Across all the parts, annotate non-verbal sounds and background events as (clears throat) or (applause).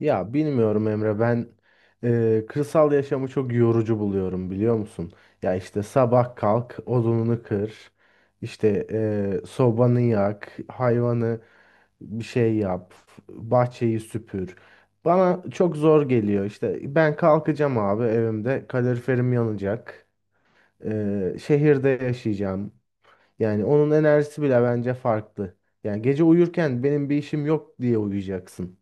Ya bilmiyorum Emre ben kırsal yaşamı çok yorucu buluyorum biliyor musun? Ya işte sabah kalk odununu kır işte sobanı yak hayvanı bir şey yap bahçeyi süpür. Bana çok zor geliyor. İşte ben kalkacağım abi, evimde kaloriferim yanacak, şehirde yaşayacağım, yani onun enerjisi bile bence farklı. Yani gece uyurken benim bir işim yok diye uyuyacaksın.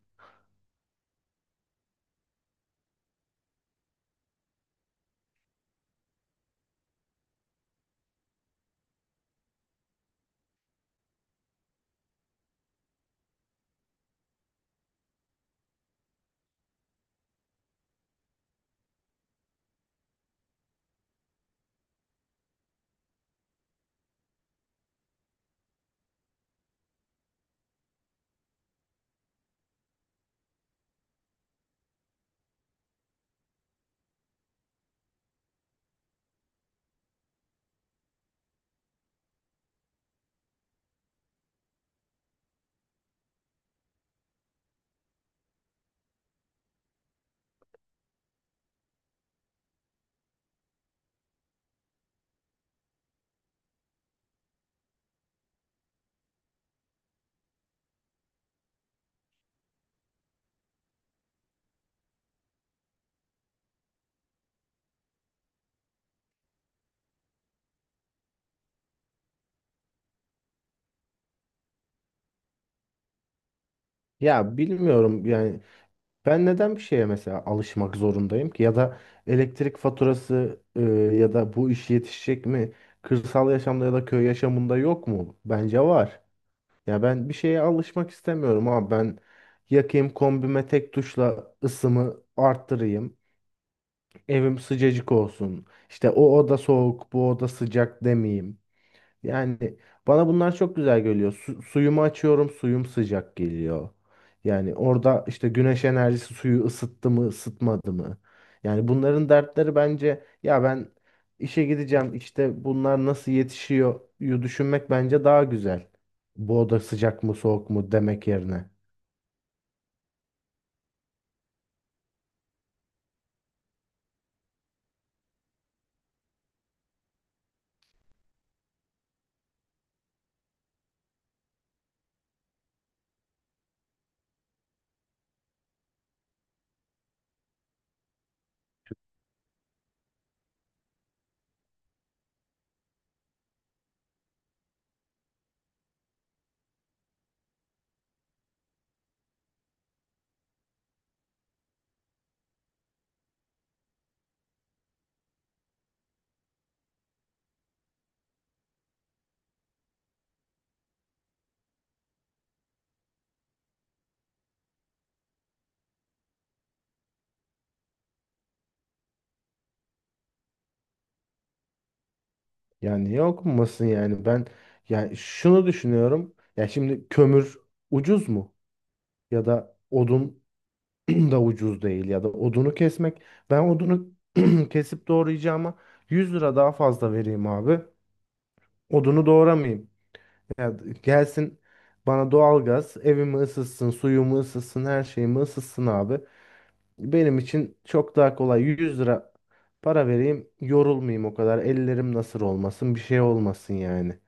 Ya bilmiyorum yani ben neden bir şeye mesela alışmak zorundayım ki, ya da elektrik faturası ya da bu iş yetişecek mi? Kırsal yaşamda ya da köy yaşamında yok mu? Bence var. Ya ben bir şeye alışmak istemiyorum, ama ben yakayım kombime, tek tuşla ısımı arttırayım. Evim sıcacık olsun. İşte o oda soğuk, bu oda sıcak demeyeyim. Yani bana bunlar çok güzel geliyor. Suyumu açıyorum, suyum sıcak geliyor. Yani orada işte güneş enerjisi suyu ısıttı mı, ısıtmadı mı? Yani bunların dertleri bence, ya ben işe gideceğim, işte bunlar nasıl yetişiyor yu düşünmek bence daha güzel. Bu oda sıcak mı, soğuk mu demek yerine. Yani yok musun yani? Ben yani şunu düşünüyorum. Ya şimdi kömür ucuz mu? Ya da odun (clears throat) da ucuz değil, ya da odunu kesmek. Ben odunu (clears throat) kesip doğrayacağıma 100 lira daha fazla vereyim abi. Odunu doğramayayım. Ya gelsin bana doğalgaz, evimi ısıtsın, suyumu ısıtsın, her şeyimi ısıtsın abi. Benim için çok daha kolay, 100 lira para vereyim, yorulmayayım o kadar. Ellerim nasır olmasın, bir şey olmasın yani.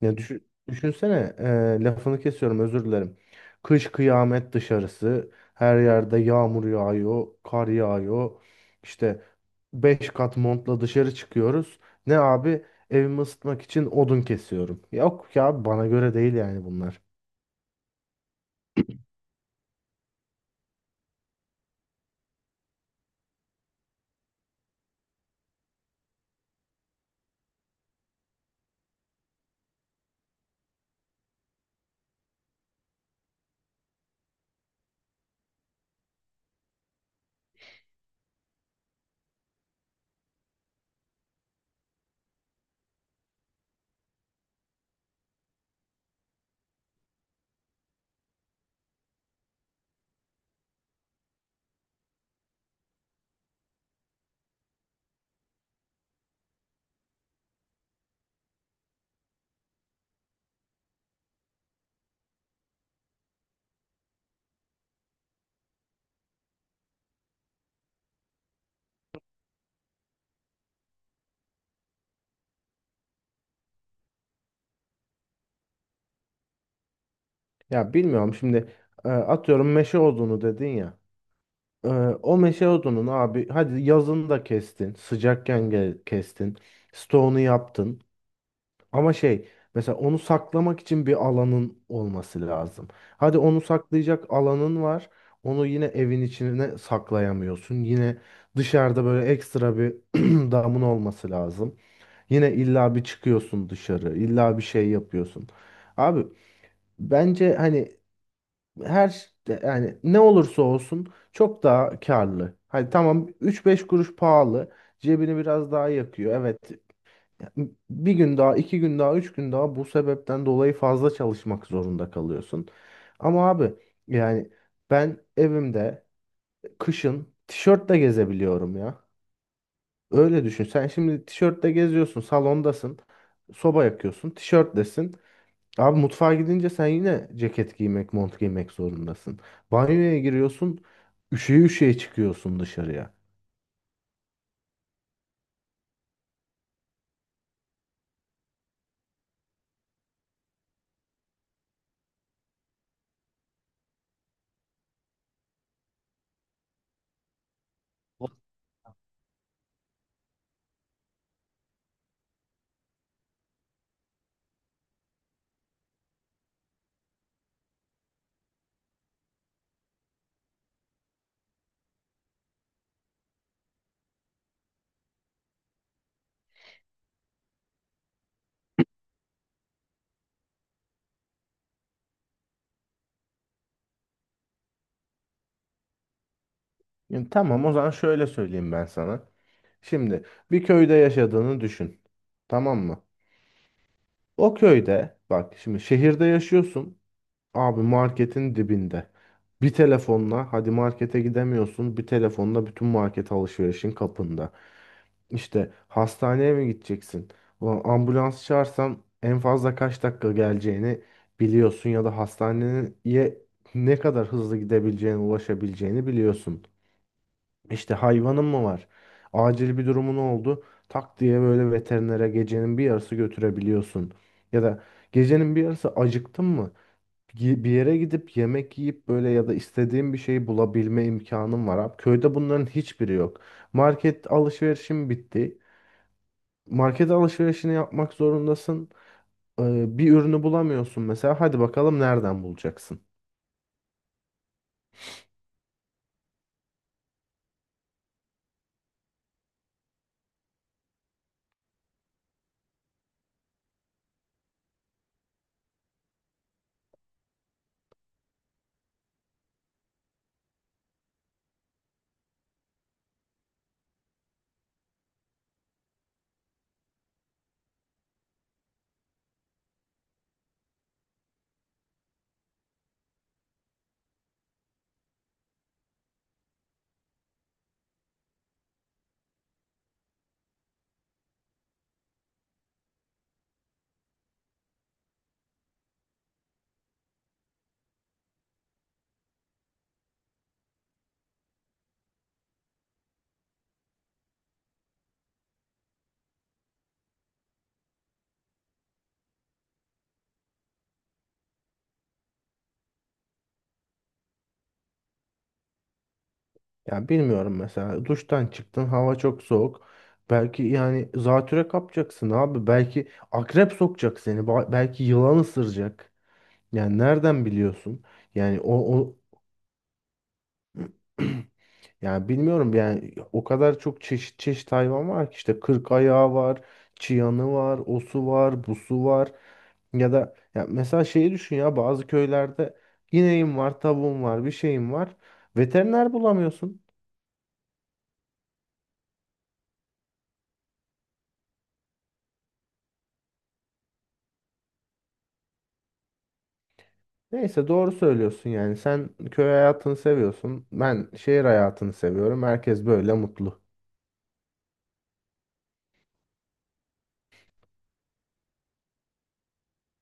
Ya düşün, düşünsene, lafını kesiyorum, özür dilerim. Kış kıyamet dışarısı, her yerde yağmur yağıyor, kar yağıyor. İşte 5 kat montla dışarı çıkıyoruz. Ne abi? Evimi ısıtmak için odun kesiyorum. Yok ya, bana göre değil yani bunlar. Ya bilmiyorum şimdi, atıyorum meşe odunu dedin ya. E, O meşe odunun abi, hadi yazın da kestin, sıcakken kestin, stoğunu yaptın. Ama şey, mesela onu saklamak için bir alanın olması lazım. Hadi onu saklayacak alanın var. Onu yine evin içine saklayamıyorsun. Yine dışarıda böyle ekstra bir (clears throat) damın olması lazım. Yine illa bir çıkıyorsun dışarı, illa bir şey yapıyorsun. Abi bence hani her ş- yani ne olursa olsun çok daha karlı. Hadi tamam, üç beş kuruş pahalı. Cebini biraz daha yakıyor. Evet ya, bir gün daha, iki gün daha, üç gün daha bu sebepten dolayı fazla çalışmak zorunda kalıyorsun. Ama abi yani ben evimde kışın tişörtle gezebiliyorum ya. Öyle düşün. Sen şimdi tişörtle geziyorsun, salondasın, soba yakıyorsun, tişörtlesin. Abi mutfağa gidince sen yine ceket giymek, mont giymek zorundasın. Banyoya giriyorsun, üşüye üşüye çıkıyorsun dışarıya. Yani tamam, o zaman şöyle söyleyeyim ben sana. Şimdi bir köyde yaşadığını düşün. Tamam mı? O köyde, bak şimdi şehirde yaşıyorsun. Abi marketin dibinde. Bir telefonla hadi markete gidemiyorsun. Bir telefonla bütün market alışverişin kapında. İşte hastaneye mi gideceksin? Ulan ambulans çağırsam en fazla kaç dakika geleceğini biliyorsun, ya da hastaneye ne kadar hızlı gidebileceğini, ulaşabileceğini biliyorsun. İşte hayvanın mı var? Acil bir durumun oldu. Tak diye böyle veterinere gecenin bir yarısı götürebiliyorsun. Ya da gecenin bir yarısı acıktın mı? Bir yere gidip yemek yiyip, böyle ya da istediğin bir şeyi bulabilme imkanın var. Abi, köyde bunların hiçbiri yok. Market alışverişim bitti, market alışverişini yapmak zorundasın. Bir ürünü bulamıyorsun mesela. Hadi bakalım nereden bulacaksın? Ya bilmiyorum mesela. Duştan çıktın, hava çok soğuk. Belki yani zatüre kapacaksın abi. Belki akrep sokacak seni. Belki yılan ısıracak. Yani nereden biliyorsun? Yani o (clears throat) yani bilmiyorum, yani o kadar çok çeşit çeşit hayvan var ki, işte kırk ayağı var, çıyanı var, osu var, busu var. Ya da ya mesela şeyi düşün, ya bazı köylerde ineğim var, tavuğum var, bir şeyim var. Veteriner bulamıyorsun. Neyse, doğru söylüyorsun yani, sen köy hayatını seviyorsun, ben şehir hayatını seviyorum. Herkes böyle mutlu.